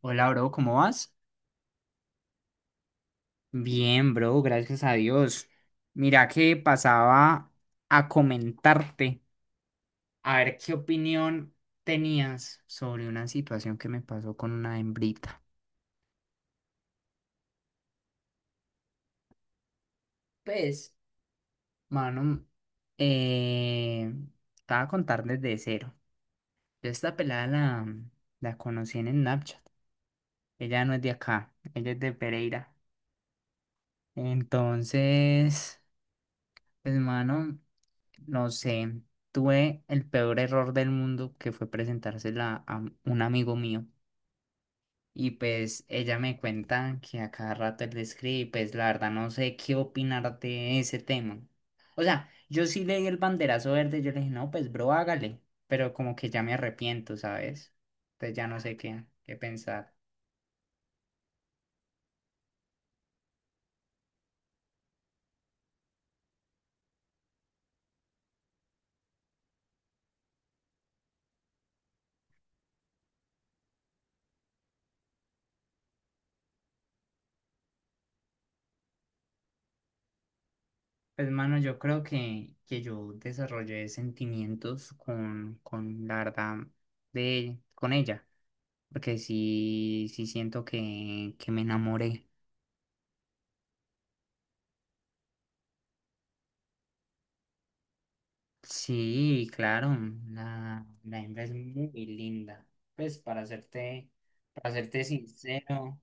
Hola, bro, ¿cómo vas? Bien, bro, gracias a Dios. Mira que pasaba a comentarte, a ver qué opinión tenías sobre una situación que me pasó con una hembrita. Pues, mano, eh, te voy a contar desde cero. Yo esta pelada la conocí en Snapchat. Ella no es de acá, ella es de Pereira. Entonces, pues, mano. No sé, tuve el peor error del mundo que fue presentársela a un amigo mío. Y pues ella me cuenta que a cada rato él le escribe y pues la verdad no sé qué opinar de ese tema. O sea, yo sí le di el banderazo verde, yo le dije, no, pues bro, hágale. Pero como que ya me arrepiento, ¿sabes? Entonces ya no sé qué pensar. Pues mano, yo creo que yo desarrollé sentimientos con la verdad con ella. Porque sí siento que me enamoré. Sí, claro, la hembra es muy linda. Pues para hacerte sincero,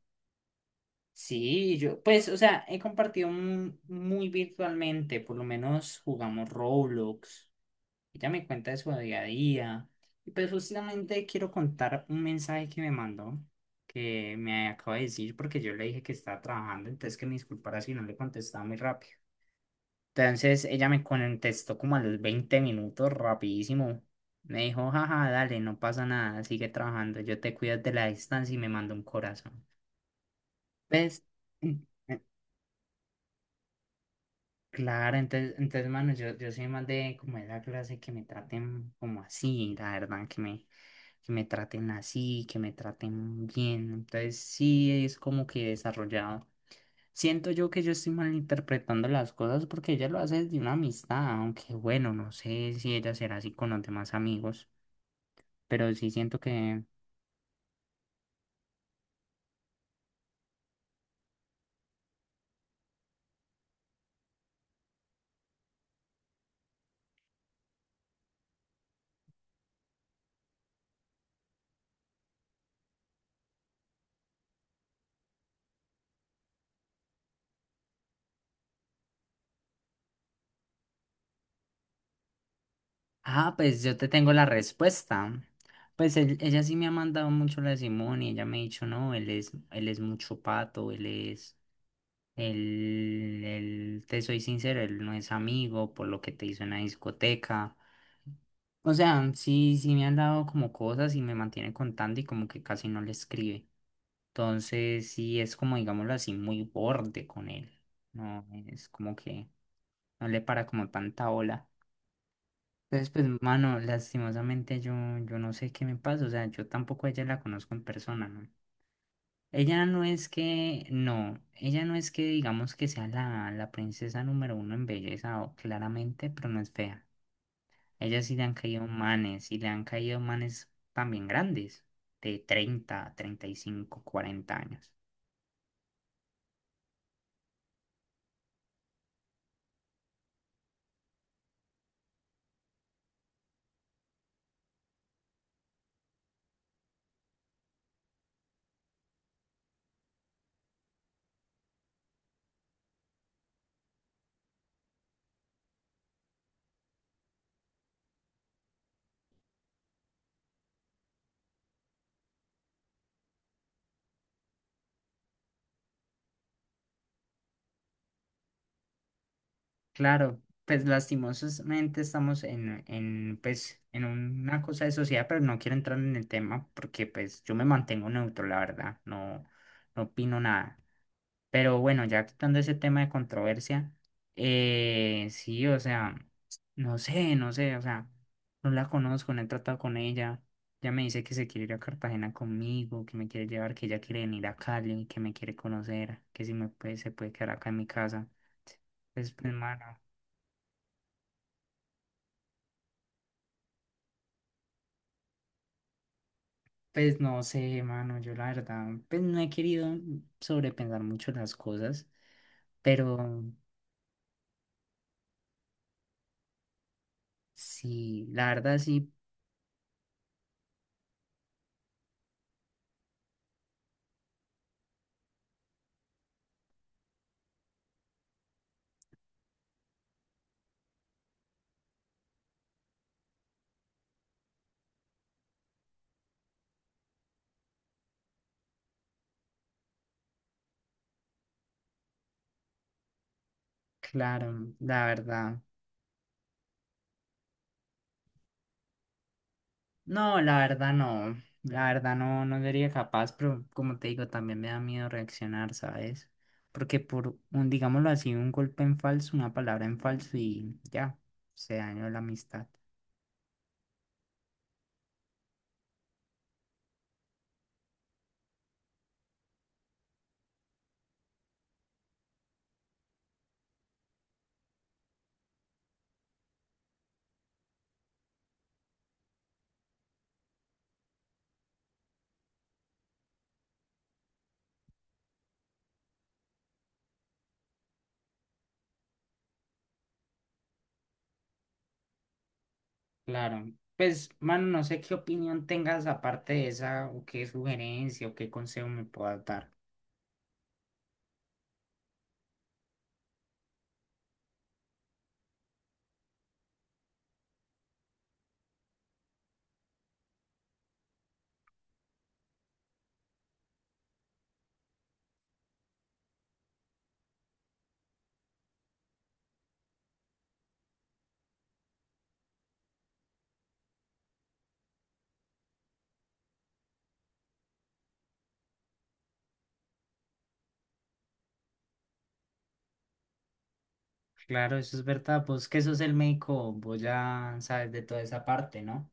sí, yo, pues, o sea, he compartido muy virtualmente, por lo menos jugamos Roblox. Ella me cuenta de su día a día. Y pues justamente quiero contar un mensaje que me mandó, que me acaba de decir porque yo le dije que estaba trabajando, entonces que me disculpara si no le contestaba muy rápido. Entonces ella me contestó como a los 20 minutos, rapidísimo. Me dijo, jaja, dale, no pasa nada, sigue trabajando, yo te cuido de la distancia y me mando un corazón. ¿Ves? Mm, eh, Claro, entonces, mano, yo soy más de como de la clase que me traten como así, la verdad, que me traten así, que me traten bien. Entonces sí es como que he desarrollado. Siento yo que yo estoy malinterpretando las cosas porque ella lo hace de una amistad, aunque bueno, no sé si ella será así con los demás amigos, pero sí siento que... Ah, pues yo te tengo la respuesta. Pues ella sí me ha mandado mucho la de Simón y ella me ha dicho, no, él es mucho pato, él es, él, te soy sincero, él no es amigo por lo que te hizo en la discoteca. O sea, sí me han dado como cosas y me mantiene contando y como que casi no le escribe. Entonces, sí es como, digámoslo así, muy borde con él. No, es como que no le para como tanta ola. Entonces, pues, mano, lastimosamente yo no sé qué me pasa. O sea, yo tampoco a ella la conozco en persona, ¿no? Ella no es que digamos que sea la princesa número uno en belleza, claramente, pero no es fea. A ella sí le han caído manes, y le han caído manes también grandes, de 30, 35, 40 años. Claro, pues lastimosamente estamos en, pues, en una cosa de sociedad, pero no quiero entrar en el tema porque pues yo me mantengo neutro, la verdad, no, no opino nada. Pero bueno, ya quitando ese tema de controversia, sí, o sea, no sé, o sea, no la conozco, no he tratado con ella. Ya me dice que se quiere ir a Cartagena conmigo, que me quiere llevar, que ella quiere venir a Cali, que me quiere conocer, que si me puede, se puede quedar acá en mi casa. Pues, mano. Pues no sé, mano, yo la verdad, pues no he querido sobrepensar mucho las cosas, pero sí, la verdad sí, claro, la verdad. No, la verdad no, la verdad no, no sería capaz, pero como te digo, también me da miedo reaccionar, ¿sabes? Porque por un, digámoslo así, un golpe en falso, una palabra en falso y ya, se dañó la amistad. Claro, pues, mano, no sé qué opinión tengas aparte de esa, o qué sugerencia, o qué consejo me puedas dar. Claro, eso es verdad. Vos que sos el médico, vos ya sabes de toda esa parte, ¿no?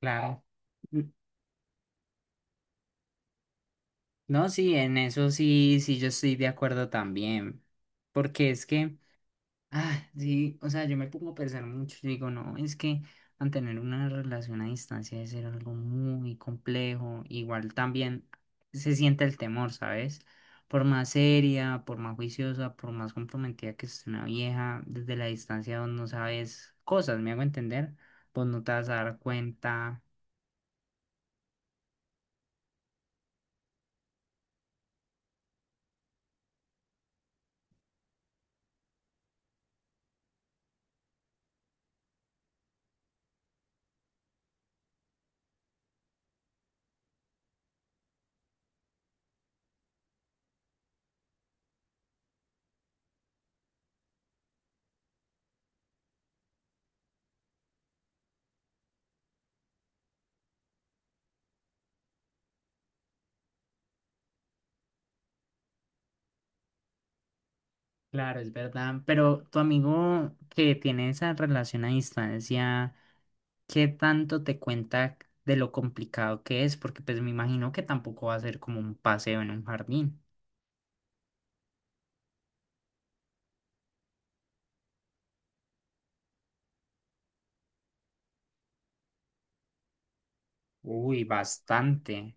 Claro. N- No, sí, en eso sí, yo estoy de acuerdo también. Porque es que. Ah, sí, o sea, yo me pongo a pensar mucho, yo digo, no, es que mantener una relación a distancia es algo muy complejo, igual también se siente el temor, ¿sabes? Por más seria, por más juiciosa, por más comprometida que esté una vieja, desde la distancia vos no sabes cosas, me hago entender, vos no te vas a dar cuenta, claro, es verdad, pero tu amigo que tiene esa relación a distancia... ¿Qué tanto te cuenta de lo complicado que es? Porque pues me imagino que tampoco va a ser como un paseo en un jardín. Uy, bastante.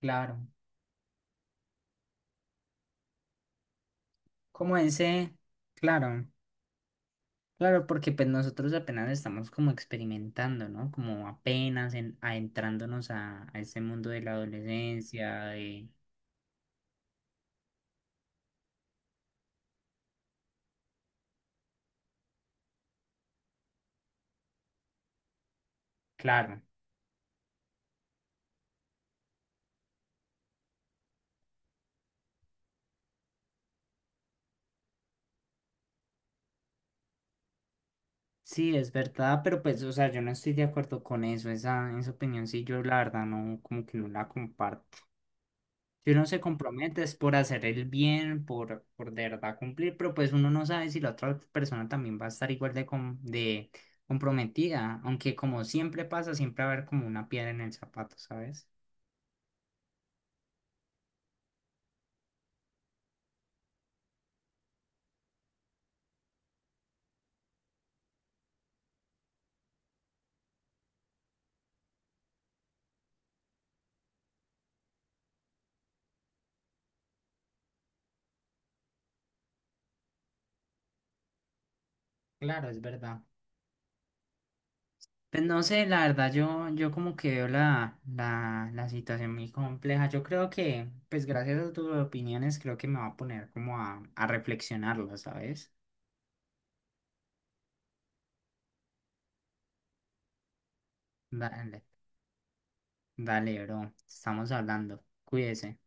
Claro. Como ese, claro, claro, porque pues nosotros apenas estamos como experimentando, ¿no? Como apenas adentrándonos a ese mundo de la adolescencia, de... Claro. Sí, es verdad, pero pues, o sea, yo no estoy de acuerdo con esa opinión sí, yo la verdad no, como que no la comparto. Si uno se compromete es por hacer el bien, por de verdad cumplir, pero pues uno no sabe si la otra persona también va a estar igual de comprometida, aunque como siempre pasa, siempre va a haber como una piedra en el zapato, ¿sabes? Claro, es verdad. Pues no sé, la verdad yo como que veo la situación muy compleja. Yo creo que, pues gracias a tus opiniones, creo que me va a poner como a reflexionarlo, ¿sabes? Dale, dale, bro, estamos hablando, cuídese.